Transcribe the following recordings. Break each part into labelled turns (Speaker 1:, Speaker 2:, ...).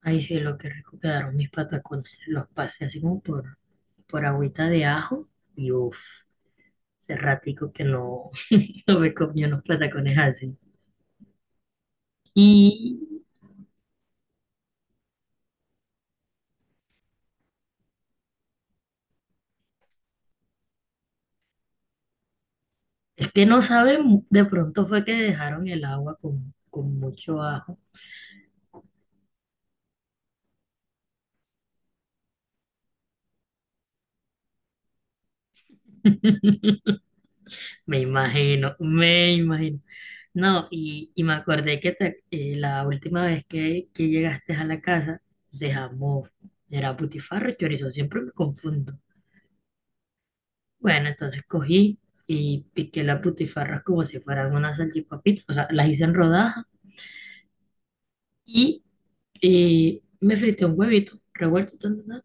Speaker 1: Ay, sí, lo que rico quedaron mis patacones. Los pasé así como por agüita de ajo y uff, hace ratico que no, no me comí unos patacones así. Y es que no saben, de pronto fue que dejaron el agua con mucho ajo. Me imagino, me imagino. No, y me acordé que la última vez que llegaste a la casa dejamos, era butifarra, chorizo, siempre me confundo. Bueno, entonces cogí y piqué las putifarras como si fueran unas salchipapitas, o sea, las hice en rodajas y me frité un huevito revuelto tan, tan, tan,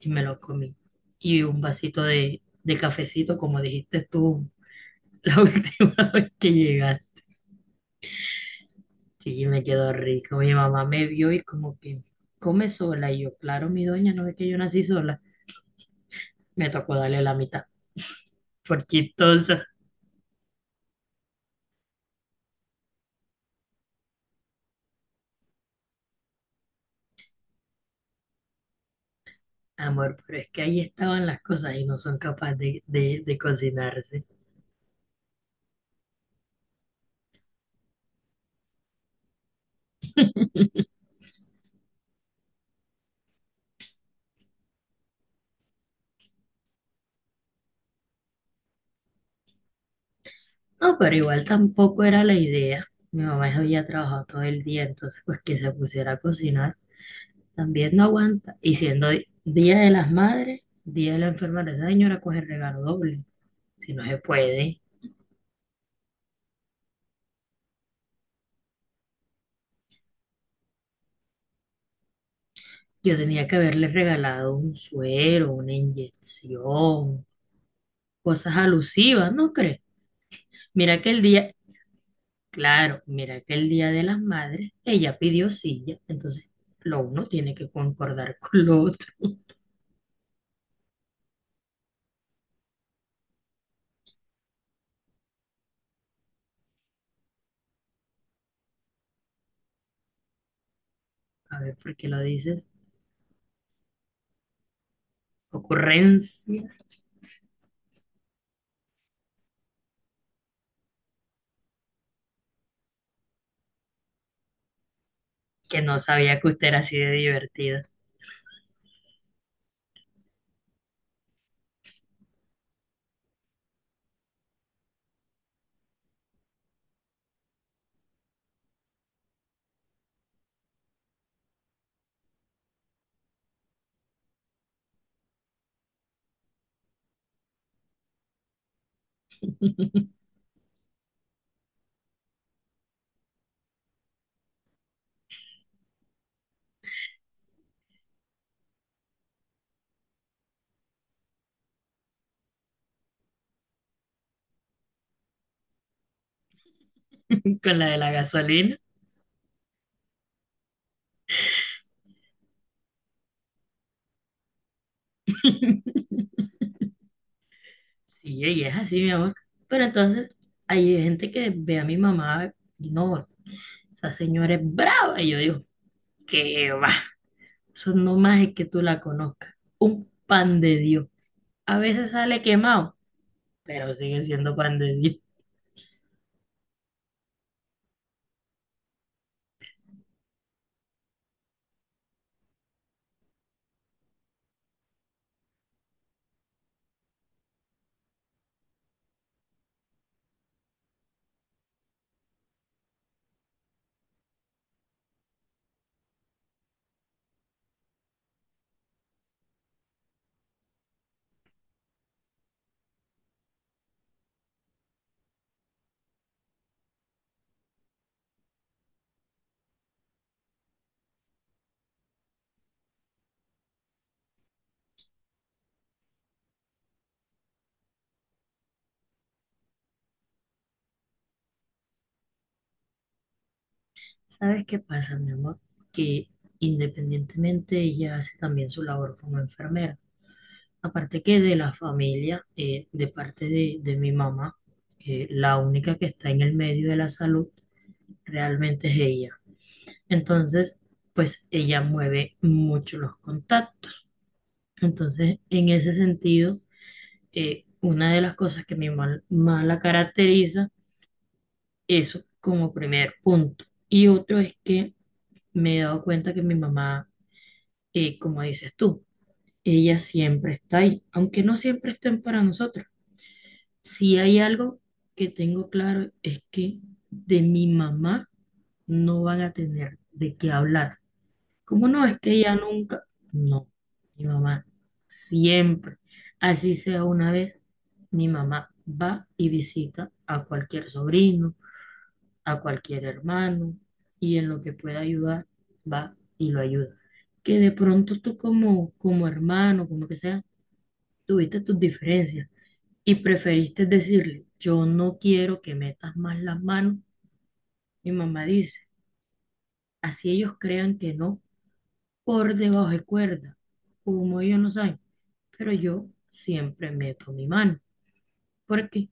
Speaker 1: y me lo comí. Y un vasito de cafecito, como dijiste tú la última vez que llegaste. Sí, me quedó rico. Mi mamá me vio y como que come sola. Y yo, claro, mi doña, no ve que yo nací sola. Me tocó darle la mitad. Forquitosa. Amor, pero es que ahí estaban las cosas y no son capaces de cocinarse. No, pero igual tampoco era la idea. Mi mamá ya había trabajado todo el día, entonces pues que se pusiera a cocinar también no aguanta. Y siendo Día de las Madres, Día de la Enfermera, esa señora coge regalo doble, si no se puede. Yo tenía que haberle regalado un suero, una inyección, cosas alusivas, ¿no crees? Mira que el día, claro, mira que el Día de las Madres, ella pidió silla, entonces lo uno tiene que concordar con lo otro. A ver, ¿por qué lo dices? Ocurrencia que no sabía que usted era así de divertido con la de la gasolina. Sí, y es así, mi amor. Pero entonces hay gente que ve a mi mamá y no, esa señora es brava. Y yo digo, ¿qué va? Eso no más es que tú la conozcas. Un pan de Dios. A veces sale quemado, pero sigue siendo pan de Dios. ¿Sabes qué pasa, mi amor? Que independientemente ella hace también su labor como enfermera. Aparte que de la familia, de parte de mi mamá, la única que está en el medio de la salud realmente es ella. Entonces, pues ella mueve mucho los contactos. Entonces, en ese sentido, una de las cosas que mi mamá más la caracteriza, eso como primer punto. Y otro es que me he dado cuenta que mi mamá, como dices tú, ella siempre está ahí, aunque no siempre estén para nosotros. Si hay algo que tengo claro es que de mi mamá no van a tener de qué hablar. ¿Cómo no? Es que ella nunca. No, mi mamá siempre, así sea una vez, mi mamá va y visita a cualquier sobrino, a cualquier hermano y en lo que pueda ayudar, va y lo ayuda. Que de pronto tú como, como hermano, como que sea, tuviste tus diferencias y preferiste decirle, yo no quiero que metas más las manos. Mi mamá dice, así ellos crean que no, por debajo de cuerda, como ellos no saben, pero yo siempre meto mi mano, porque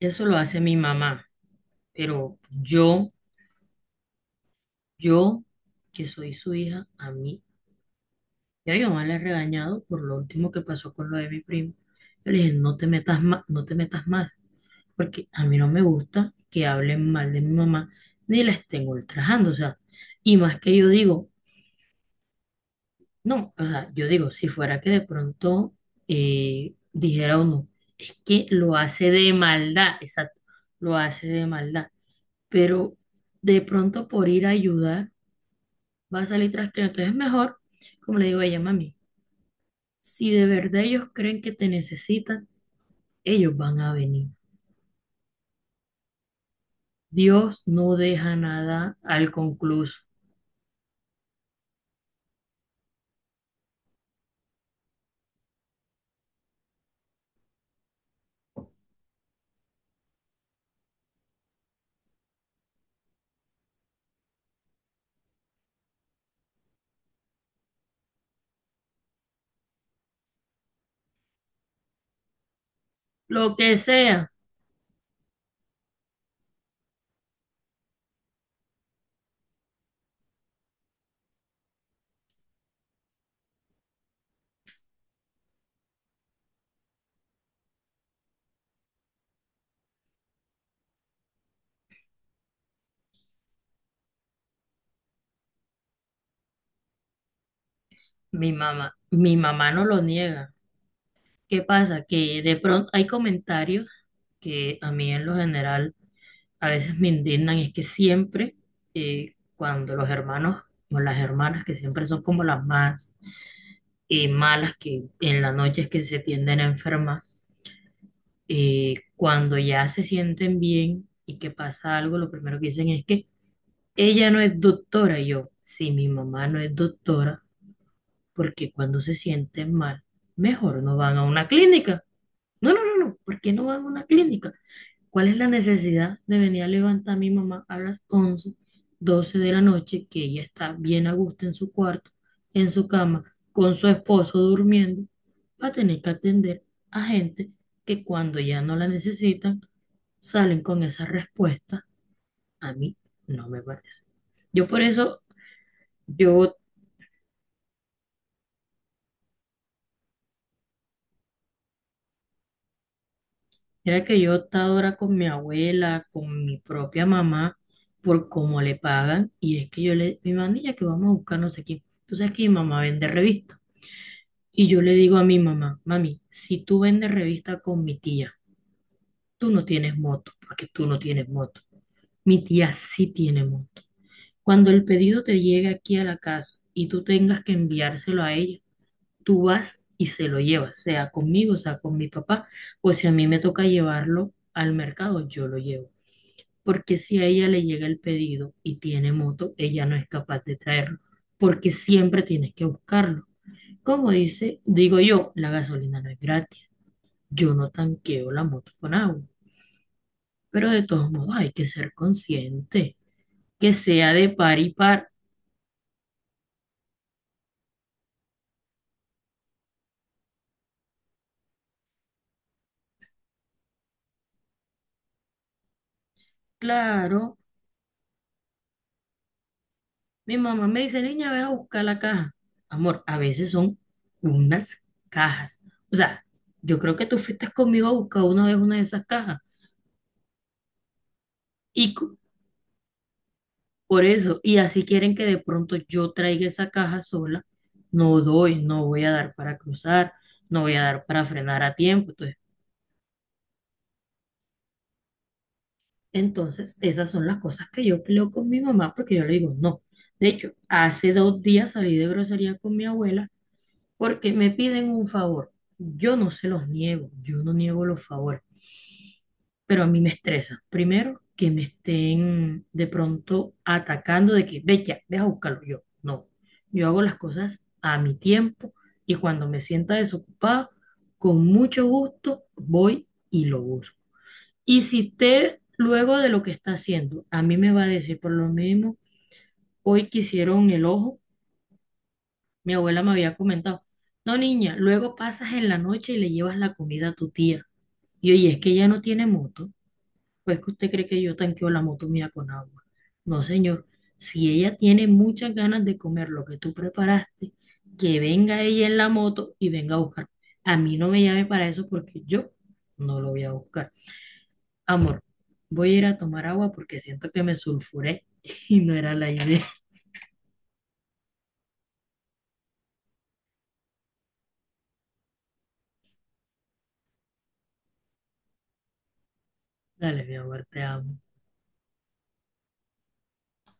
Speaker 1: eso lo hace mi mamá, pero yo, que soy su hija, a mí, ya mi mamá le ha regañado por lo último que pasó con lo de mi primo. Yo le dije, no te metas más, no te metas más, porque a mí no me gusta que hablen mal de mi mamá ni la estén ultrajando, o sea, y más que yo digo, no, o sea, yo digo, si fuera que de pronto dijera uno, es que lo hace de maldad, exacto, lo hace de maldad, pero de pronto por ir a ayudar va a salir trasteado, entonces es mejor, como le digo a ella, mami, si de verdad ellos creen que te necesitan, ellos van a venir. Dios no deja nada al concluso. Lo que sea. Mi mamá no lo niega. ¿Qué pasa? Que de pronto hay comentarios que a mí en lo general a veces me indignan y es que siempre cuando los hermanos o las hermanas que siempre son como las más malas que en la noche es que se tienden a enfermar, cuando ya se sienten bien y que pasa algo, lo primero que dicen es que ella no es doctora. Y yo, sí, mi mamá no es doctora porque cuando se sienten mal, mejor no van a una clínica. No, no, no, no, ¿por qué no van a una clínica? ¿Cuál es la necesidad de venir a levantar a mi mamá a las 11, 12 de la noche, que ella está bien a gusto en su cuarto, en su cama, con su esposo durmiendo, para tener que atender a gente que cuando ya no la necesitan, salen con esa respuesta? A mí no me parece. Yo por eso, yo. Mira que yo he estado ahora con mi abuela, con mi propia mamá, por cómo le pagan, y es que yo le, mi mandilla que vamos a buscar no sé quién. Tú sabes que mi mamá vende revistas. Y yo le digo a mi mamá, mami, si tú vendes revista con mi tía, tú no tienes moto, porque tú no tienes moto. Mi tía sí tiene moto. Cuando el pedido te llegue aquí a la casa y tú tengas que enviárselo a ella, tú vas y se lo llevas, sea conmigo, sea con mi papá, o si a mí me toca llevarlo al mercado, yo lo llevo, porque si a ella le llega el pedido y tiene moto, ella no es capaz de traerlo, porque siempre tienes que buscarlo. Como dice, digo yo, la gasolina no es gratis, yo no tanqueo la moto con agua, pero de todos modos hay que ser consciente, que sea de par y par. Claro, mi mamá me dice, niña, ve a buscar la caja. Amor, a veces son unas cajas. O sea, yo creo que tú fuiste conmigo a buscar una vez una de esas cajas. Y, Por eso, y así quieren que de pronto yo traiga esa caja sola, no doy, no voy a dar para cruzar, no voy a dar para frenar a tiempo. Entonces, entonces, esas son las cosas que yo peleo con mi mamá porque yo le digo no. De hecho, hace 2 días salí de grosería con mi abuela porque me piden un favor. Yo no se los niego, yo no niego los favores, pero a mí me estresa. Primero, que me estén de pronto atacando de que, ve ya, deja buscarlo yo. No, yo hago las cosas a mi tiempo y cuando me sienta desocupada, con mucho gusto voy y lo busco. Y si usted luego de lo que está haciendo, a mí me va a decir por lo mismo, hoy quisieron el ojo, mi abuela me había comentado, no niña, luego pasas en la noche y le llevas la comida a tu tía. Y oye, es que ella no tiene moto. Pues que usted cree que yo tanqueo la moto mía con agua. No, señor. Si ella tiene muchas ganas de comer lo que tú preparaste, que venga ella en la moto y venga a buscar. A mí no me llame para eso porque yo no lo voy a buscar. Amor, voy a ir a tomar agua porque siento que me sulfuré y no era la idea. Dale, mi amor, te amo.